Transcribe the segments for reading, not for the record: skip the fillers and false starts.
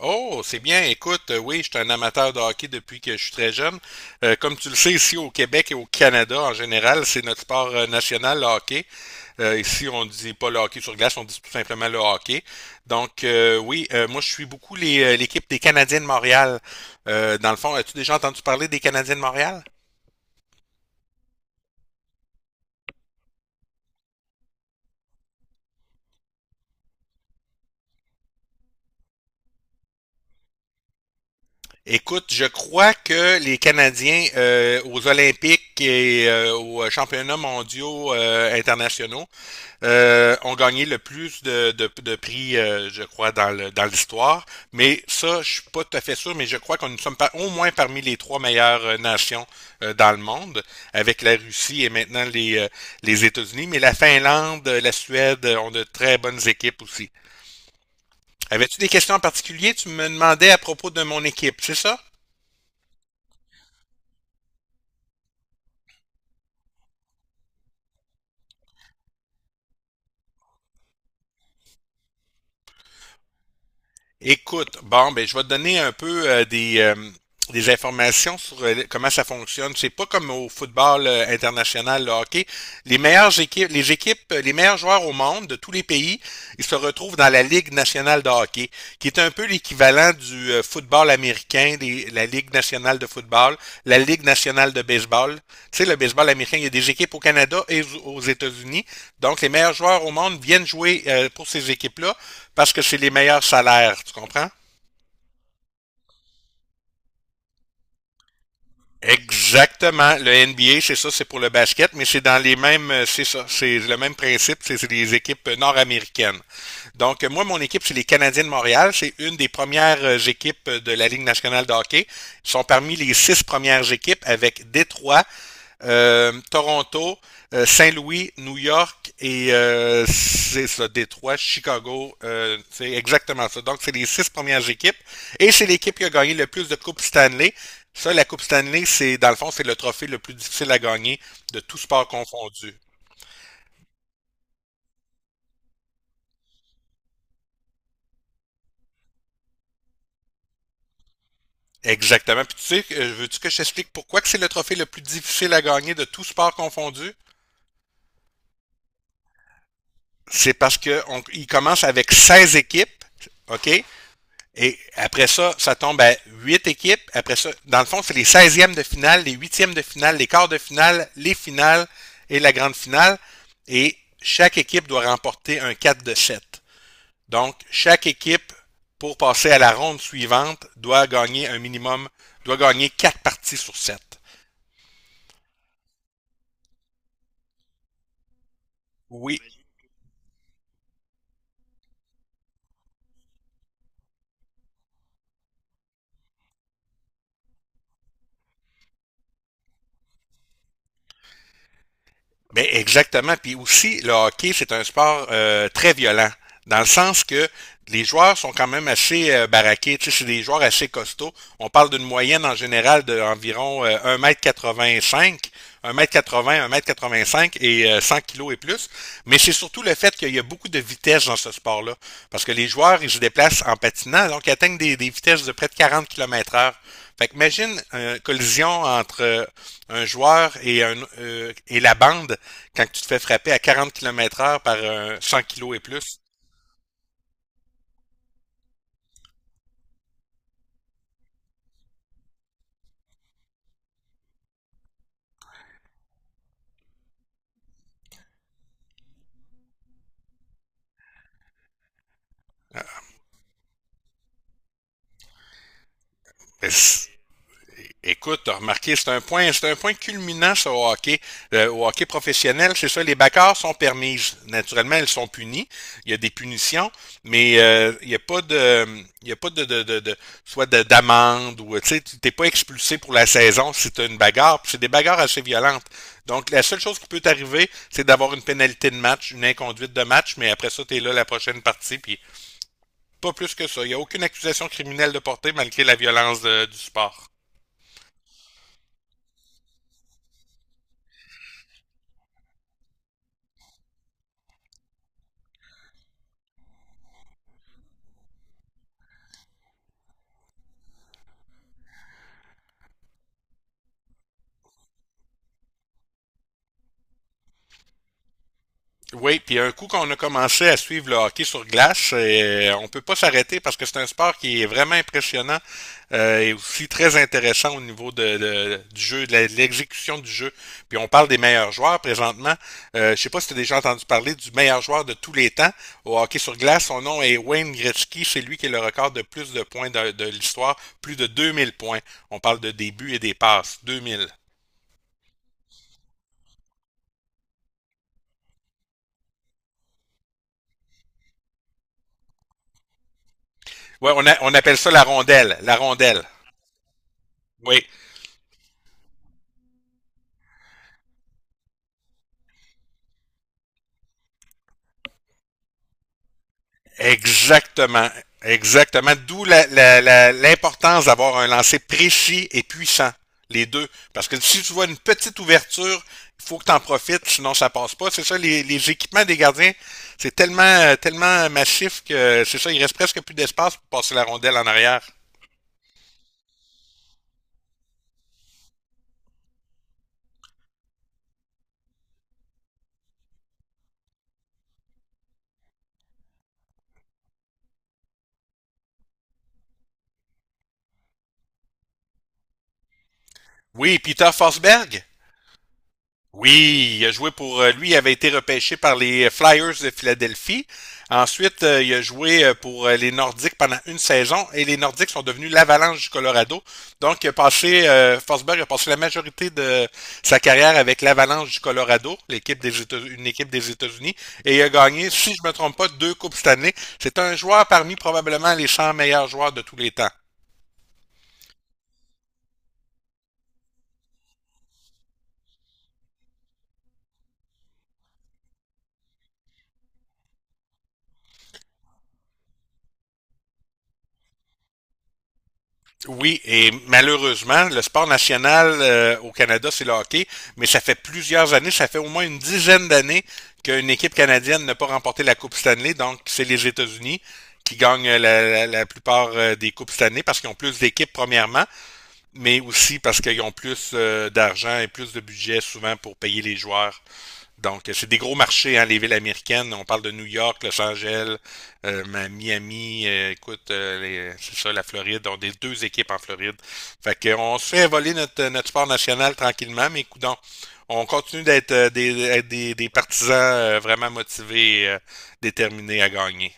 Oh, c'est bien. Écoute, oui, je suis un amateur de hockey depuis que je suis très jeune. Comme tu le sais, ici au Québec et au Canada en général, c'est notre sport national, le hockey. Ici, on ne dit pas le hockey sur glace, on dit tout simplement le hockey. Oui, moi, je suis beaucoup l'équipe des Canadiens de Montréal. Dans le fond, as-tu déjà entendu parler des Canadiens de Montréal? Écoute, je crois que les Canadiens aux Olympiques et aux championnats mondiaux internationaux ont gagné le plus de prix, je crois, dans l'histoire. Mais ça, je suis pas tout à fait sûr, mais je crois qu'on nous sommes par- au moins parmi les trois meilleures nations dans le monde, avec la Russie et maintenant les États-Unis. Mais la Finlande, la Suède ont de très bonnes équipes aussi. Avais-tu des questions en particulier? Tu me demandais à propos de mon équipe, c'est ça? Écoute, bon, ben, je vais te donner un peu des informations sur comment ça fonctionne. C'est pas comme au football international, le hockey. Les meilleures équipes, les meilleurs joueurs au monde de tous les pays, ils se retrouvent dans la Ligue nationale de hockey qui est un peu l'équivalent du football américain, la Ligue nationale de football, la Ligue nationale de baseball. Tu sais, le baseball américain, il y a des équipes au Canada et aux États-Unis. Donc, les meilleurs joueurs au monde viennent jouer pour ces équipes-là parce que c'est les meilleurs salaires, tu comprends? Exactement. Le NBA, c'est ça, c'est pour le basket, mais c'est dans les c'est ça, c'est le même principe, c'est les équipes nord-américaines. Moi, mon équipe, c'est les Canadiens de Montréal. C'est une des premières équipes de la Ligue nationale de hockey. Ils sont parmi les six premières équipes avec Détroit, Toronto, Saint-Louis, New York Détroit, Chicago, c'est exactement ça. Donc, c'est les six premières équipes et c'est l'équipe qui a gagné le plus de coupes Stanley. Ça, la Coupe Stanley, c'est dans le fond, c'est le trophée le plus difficile à gagner de tout sport confondu. Exactement. Puis tu sais, veux-tu que je t'explique pourquoi que c'est le trophée le plus difficile à gagner de tout sport confondu? C'est parce que on- il commence avec 16 équipes, OK? Et après ça, ça tombe à 8 équipes. Après ça, dans le fond, c'est les seizièmes de finale, les huitièmes de finale, les quarts de finale, les finales et la grande finale. Et chaque équipe doit remporter un 4 de 7. Donc, chaque équipe, pour passer à la ronde suivante, doit gagner un minimum, doit gagner quatre parties sur sept. Oui, ben exactement. Puis aussi, le hockey, c'est un sport très violent, dans le sens que les joueurs sont quand même assez baraqués. Tu sais, c'est des joueurs assez costauds. On parle d'une moyenne en général d'environ de environ 1m85. 1 un mètre quatre-vingt, 85 et 100 kg et plus. Mais c'est surtout le fait qu'il y a beaucoup de vitesse dans ce sport-là. Parce que les joueurs, ils se déplacent en patinant, donc ils atteignent des vitesses de près de 40 km heure. Fait que imagine une collision entre un joueur et la bande quand tu te fais frapper à 40 km heure par un 100 kg et plus. Écoute, t'as remarqué, c'est un point culminant ça, au hockey professionnel, c'est ça. Les backers sont permises, naturellement, elles sont punies. Il y a des punitions, mais il y a pas de soit d'amende ou tu sais, t'es pas expulsé pour la saison si t'as une bagarre. Puis c'est des bagarres assez violentes. Donc la seule chose qui peut t'arriver, c'est d'avoir une pénalité de match, une inconduite de match, mais après ça, t'es là la prochaine partie, puis pas plus que ça. Il n'y a aucune accusation criminelle de portée malgré la violence du sport. Oui, puis un coup qu'on a commencé à suivre le hockey sur glace, on peut pas s'arrêter parce que c'est un sport qui est vraiment impressionnant et aussi très intéressant au niveau du jeu, de de l'exécution du jeu. Puis on parle des meilleurs joueurs présentement. Je sais pas si tu as déjà entendu parler du meilleur joueur de tous les temps au hockey sur glace. Son nom est Wayne Gretzky. C'est lui qui est le record de plus de points de l'histoire, plus de 2000 points. On parle de début et des passes, 2000. Ouais, on appelle ça la rondelle. La rondelle. Oui, exactement. Exactement. D'où l'importance d'avoir un lancer précis et puissant, les deux. Parce que si tu vois une petite ouverture, il faut que tu en profites, sinon ça passe pas. C'est ça, les équipements des gardiens, c'est tellement, tellement massif que c'est ça, il reste presque plus d'espace pour passer la rondelle en arrière. Oui, Peter Forsberg. Oui, il a joué pour lui, il avait été repêché par les Flyers de Philadelphie. Ensuite, il a joué pour les Nordiques pendant une saison et les Nordiques sont devenus l'Avalanche du Colorado. Donc, il a passé, Forsberg a passé la majorité de sa carrière avec l'Avalanche du Colorado, une équipe des États-Unis, et il a gagné, si je me trompe pas, deux coupes cette année. C'est un joueur parmi probablement les 100 meilleurs joueurs de tous les temps. Oui, et malheureusement, le sport national au Canada, c'est le hockey, mais ça fait plusieurs années, ça fait au moins une dizaine d'années qu'une équipe canadienne n'a pas remporté la Coupe Stanley, donc c'est les États-Unis qui gagnent la plupart des Coupes Stanley parce qu'ils ont plus d'équipes premièrement, mais aussi parce qu'ils ont plus d'argent et plus de budget souvent pour payer les joueurs donc, c'est des gros marchés, hein, les villes américaines. On parle de New York, Los Angeles, euh, Miami, c'est ça, la Floride. On a des deux équipes en Floride. Fait qu'on se fait voler notre, notre sport national tranquillement, mais coudons, on continue d'être des partisans vraiment motivés et déterminés à gagner.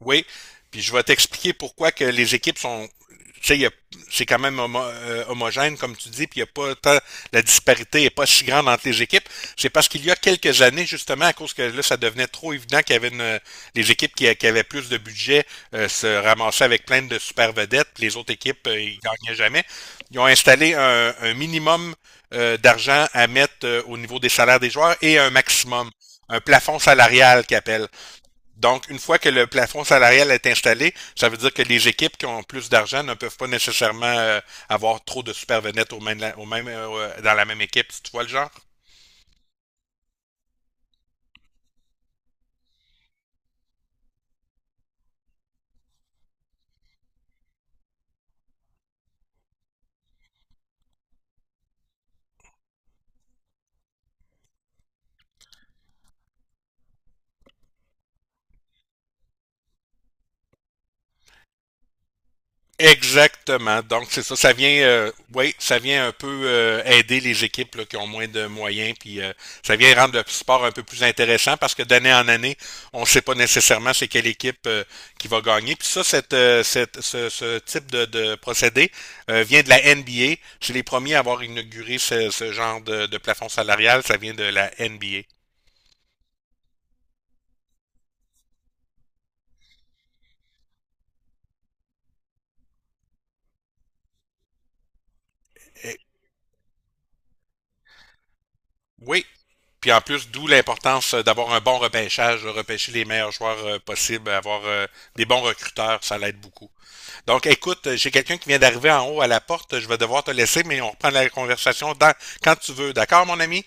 Oui, puis je vais t'expliquer pourquoi que les équipes sont, tu sais, c'est quand même homogène, comme tu dis, puis il y a pas tant, la disparité est pas si grande entre les équipes. C'est parce qu'il y a quelques années, justement, à cause que là, ça devenait trop évident qu'il y avait une, les équipes qui avaient plus de budget se ramassaient avec plein de super vedettes, puis les autres équipes, ils gagnaient jamais. Ils ont installé un minimum d'argent à mettre au niveau des salaires des joueurs et un maximum, un plafond salarial qu'ils appellent. Donc, une fois que le plafond salarial est installé, ça veut dire que les équipes qui ont plus d'argent ne peuvent pas nécessairement avoir trop de supervenettes au même, dans la même équipe, si tu vois le genre. Exactement. Donc, c'est ça. Ça vient, oui, ça vient un peu aider les équipes là, qui ont moins de moyens. Puis, ça vient rendre le sport un peu plus intéressant parce que d'année en année, on ne sait pas nécessairement c'est quelle équipe qui va gagner. Puis ça, ce type de procédé vient de la NBA. C'est les premiers à avoir inauguré ce genre de plafond salarial. Ça vient de la NBA. Oui. Puis en plus, d'où l'importance d'avoir un bon repêchage, de repêcher les meilleurs joueurs possibles, avoir des bons recruteurs, ça l'aide beaucoup. Donc écoute, j'ai quelqu'un qui vient d'arriver en haut à la porte, je vais devoir te laisser, mais on reprend la conversation quand tu veux. D'accord, mon ami?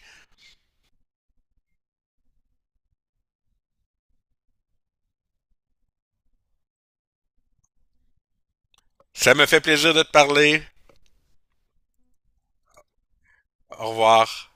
Ça me fait plaisir de te parler. Au revoir.